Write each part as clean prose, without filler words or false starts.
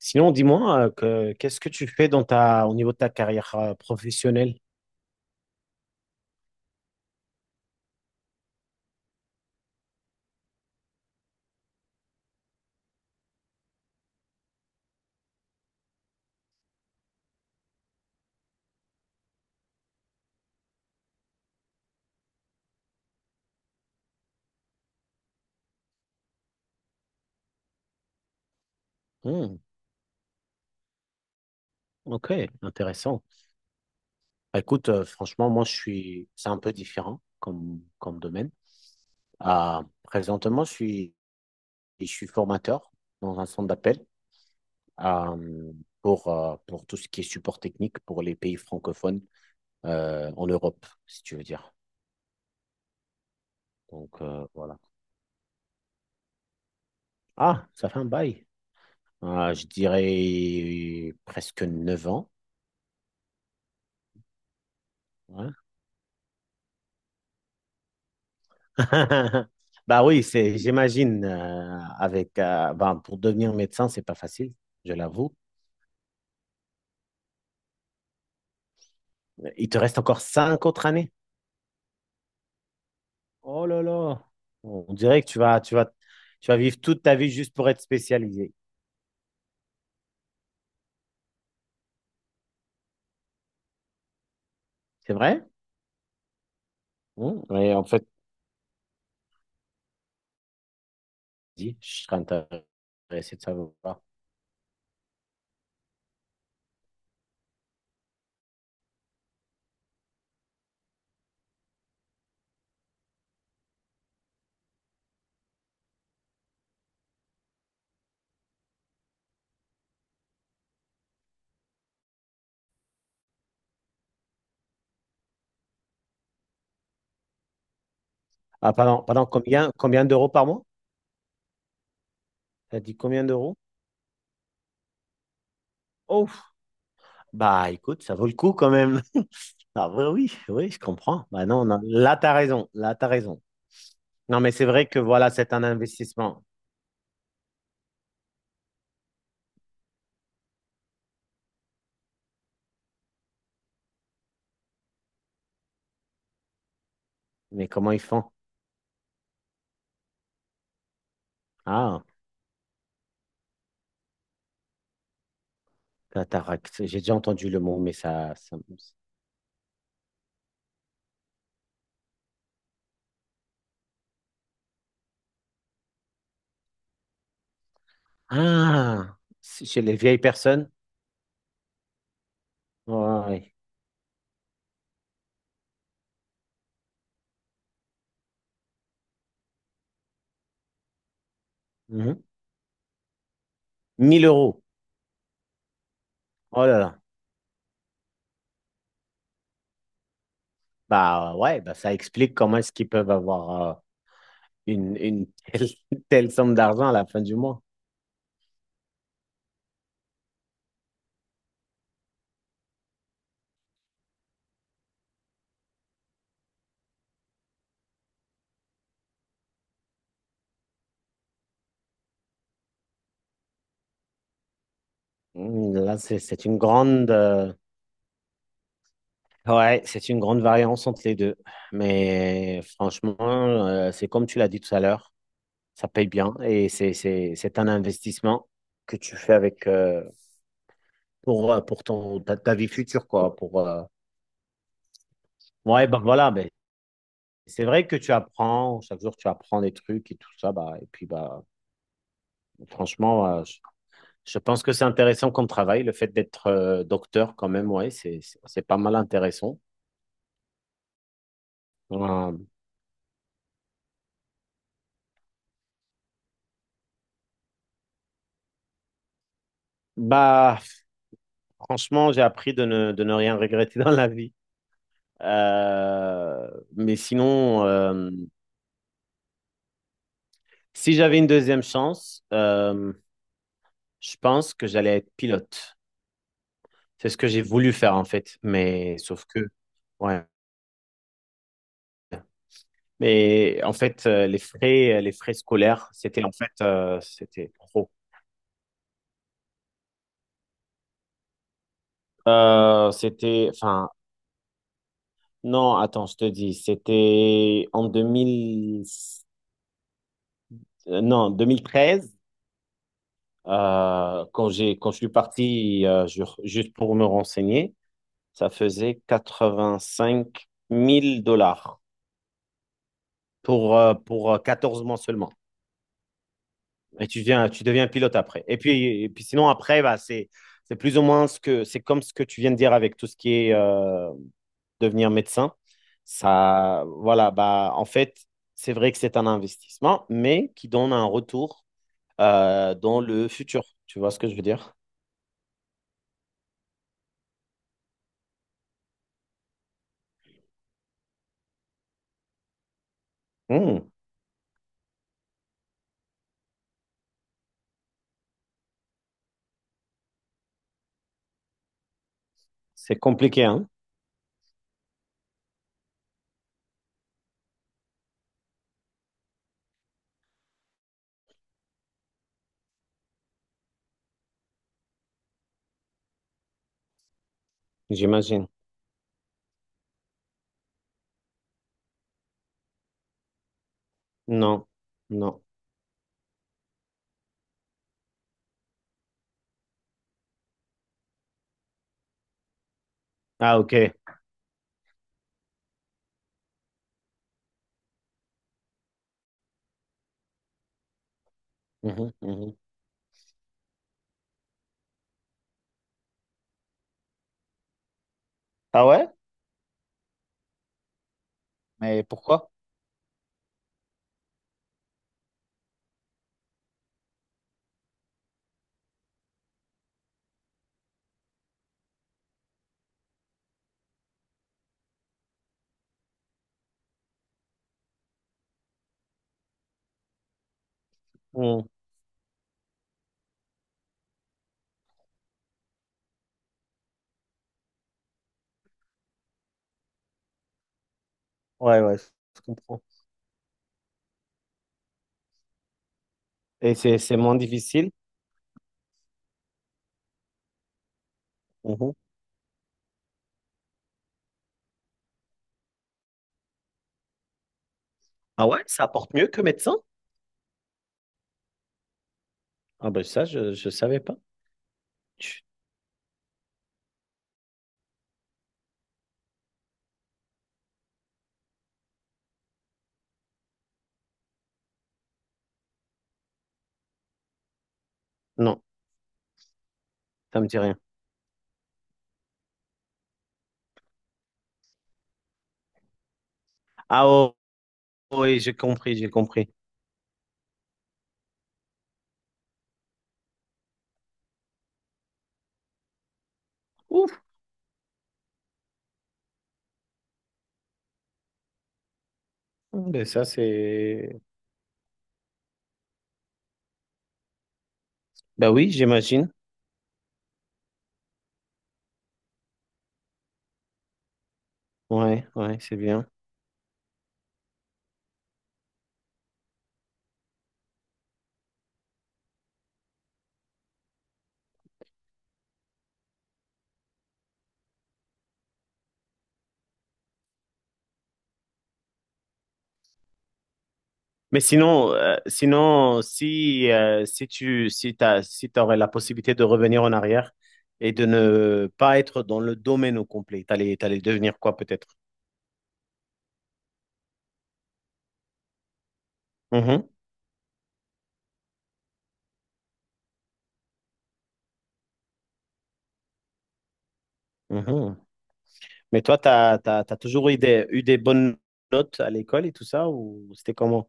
Sinon, dis-moi, qu'est-ce que tu fais dans au niveau de ta carrière professionnelle? Hmm, ok, intéressant. Bah, écoute, franchement, c'est un peu différent comme, comme domaine. Présentement, je suis formateur dans un centre d'appel euh, pour tout ce qui est support technique pour les pays francophones en Europe, si tu veux dire. Donc, voilà. Ah, ça fait un bail. Je dirais presque 9 ans. Ouais. Bah oui, j'imagine, pour devenir médecin, c'est pas facile, je l'avoue. Il te reste encore 5 autres années. Oh là là, on dirait que tu vas vivre toute ta vie juste pour être spécialisé. C'est vrai? Mmh. Oui, en fait, dis, je serais intéressé de savoir. Ah, pardon, pardon, combien d'euros par mois? T'as dit combien d'euros? Oh, bah écoute, ça vaut le coup quand même. Ah oui, oui, oui, je comprends. Bah non, non, là, t'as raison, là, t'as raison. Non, mais c'est vrai que voilà, c'est un investissement. Mais comment ils font? Ah, cataracte. J'ai déjà entendu le mot, mais ça... Ah, c'est chez les vieilles personnes. Ouais. Mhm. 1000 euros. Oh là là. Bah ouais, bah, ça explique comment est-ce qu'ils peuvent avoir une telle, telle somme d'argent à la fin du mois. Mhm. Là, c'est une grande... Ouais, c'est une grande variance entre les deux. Mais franchement, c'est comme tu l'as dit tout à l'heure. Ça paye bien et c'est un investissement que tu fais avec pour ta vie future, quoi. Pour, ouais, bah voilà, mais c'est vrai que tu apprends, chaque jour tu apprends des trucs et tout ça, bah, et puis bah, franchement, je pense que c'est intéressant comme travail, le fait d'être docteur quand même, ouais, c'est pas mal intéressant. Euh, Bah, franchement, j'ai appris de ne rien regretter dans la vie. Euh, mais sinon, si j'avais une deuxième chance, je pense que j'allais être pilote. C'est ce que j'ai voulu faire en fait, mais sauf que, ouais. Mais en fait, les frais scolaires, c'était trop. C'était, enfin, non, Attends, je te dis, c'était en 2000, euh, non, 2013, quand je suis parti, juste pour me renseigner, ça faisait 85 000 dollars pour 14 mois seulement. Et tu deviens pilote après. Et puis sinon, après, bah, c'est plus ou moins ce c'est comme ce que tu viens de dire avec tout ce qui est devenir médecin. Ça, voilà, bah, en fait, c'est vrai que c'est un investissement, mais qui donne un retour dans le futur. Tu vois ce que je veux dire? Hmm, c'est compliqué, hein, j'imagine. Non, non. Ah, ok. Mhm, mhm. Ah ouais? Mais pourquoi? Hmm, ouais, ouais, je comprends. Et c'est moins difficile? Ah ouais, ça apporte mieux que médecin? Ah ben ça, je ne savais pas. Chut, non, ça me dit rien. Ah oh, oui, j'ai compris, j'ai compris. Ouf, ben ça c'est... Ben oui, j'imagine. Ouais, ouais, c'est bien. Mais sinon, sinon, si t'aurais la possibilité de revenir en arrière et de ne pas être dans le domaine au complet, t'allais devenir quoi peut-être? Mhm, mhm. Mais toi, t'as toujours eu eu des bonnes notes à l'école et tout ça, ou c'était comment?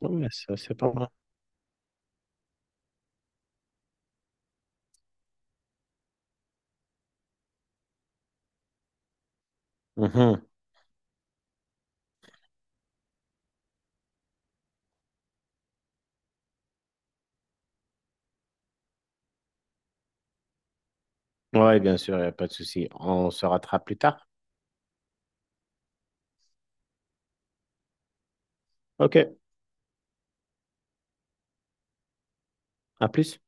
Ouais, ça, c'est pas mal. Mhm. Ouais, bien sûr, il n'y a pas de souci. On se rattrape plus tard. Ok, à plus.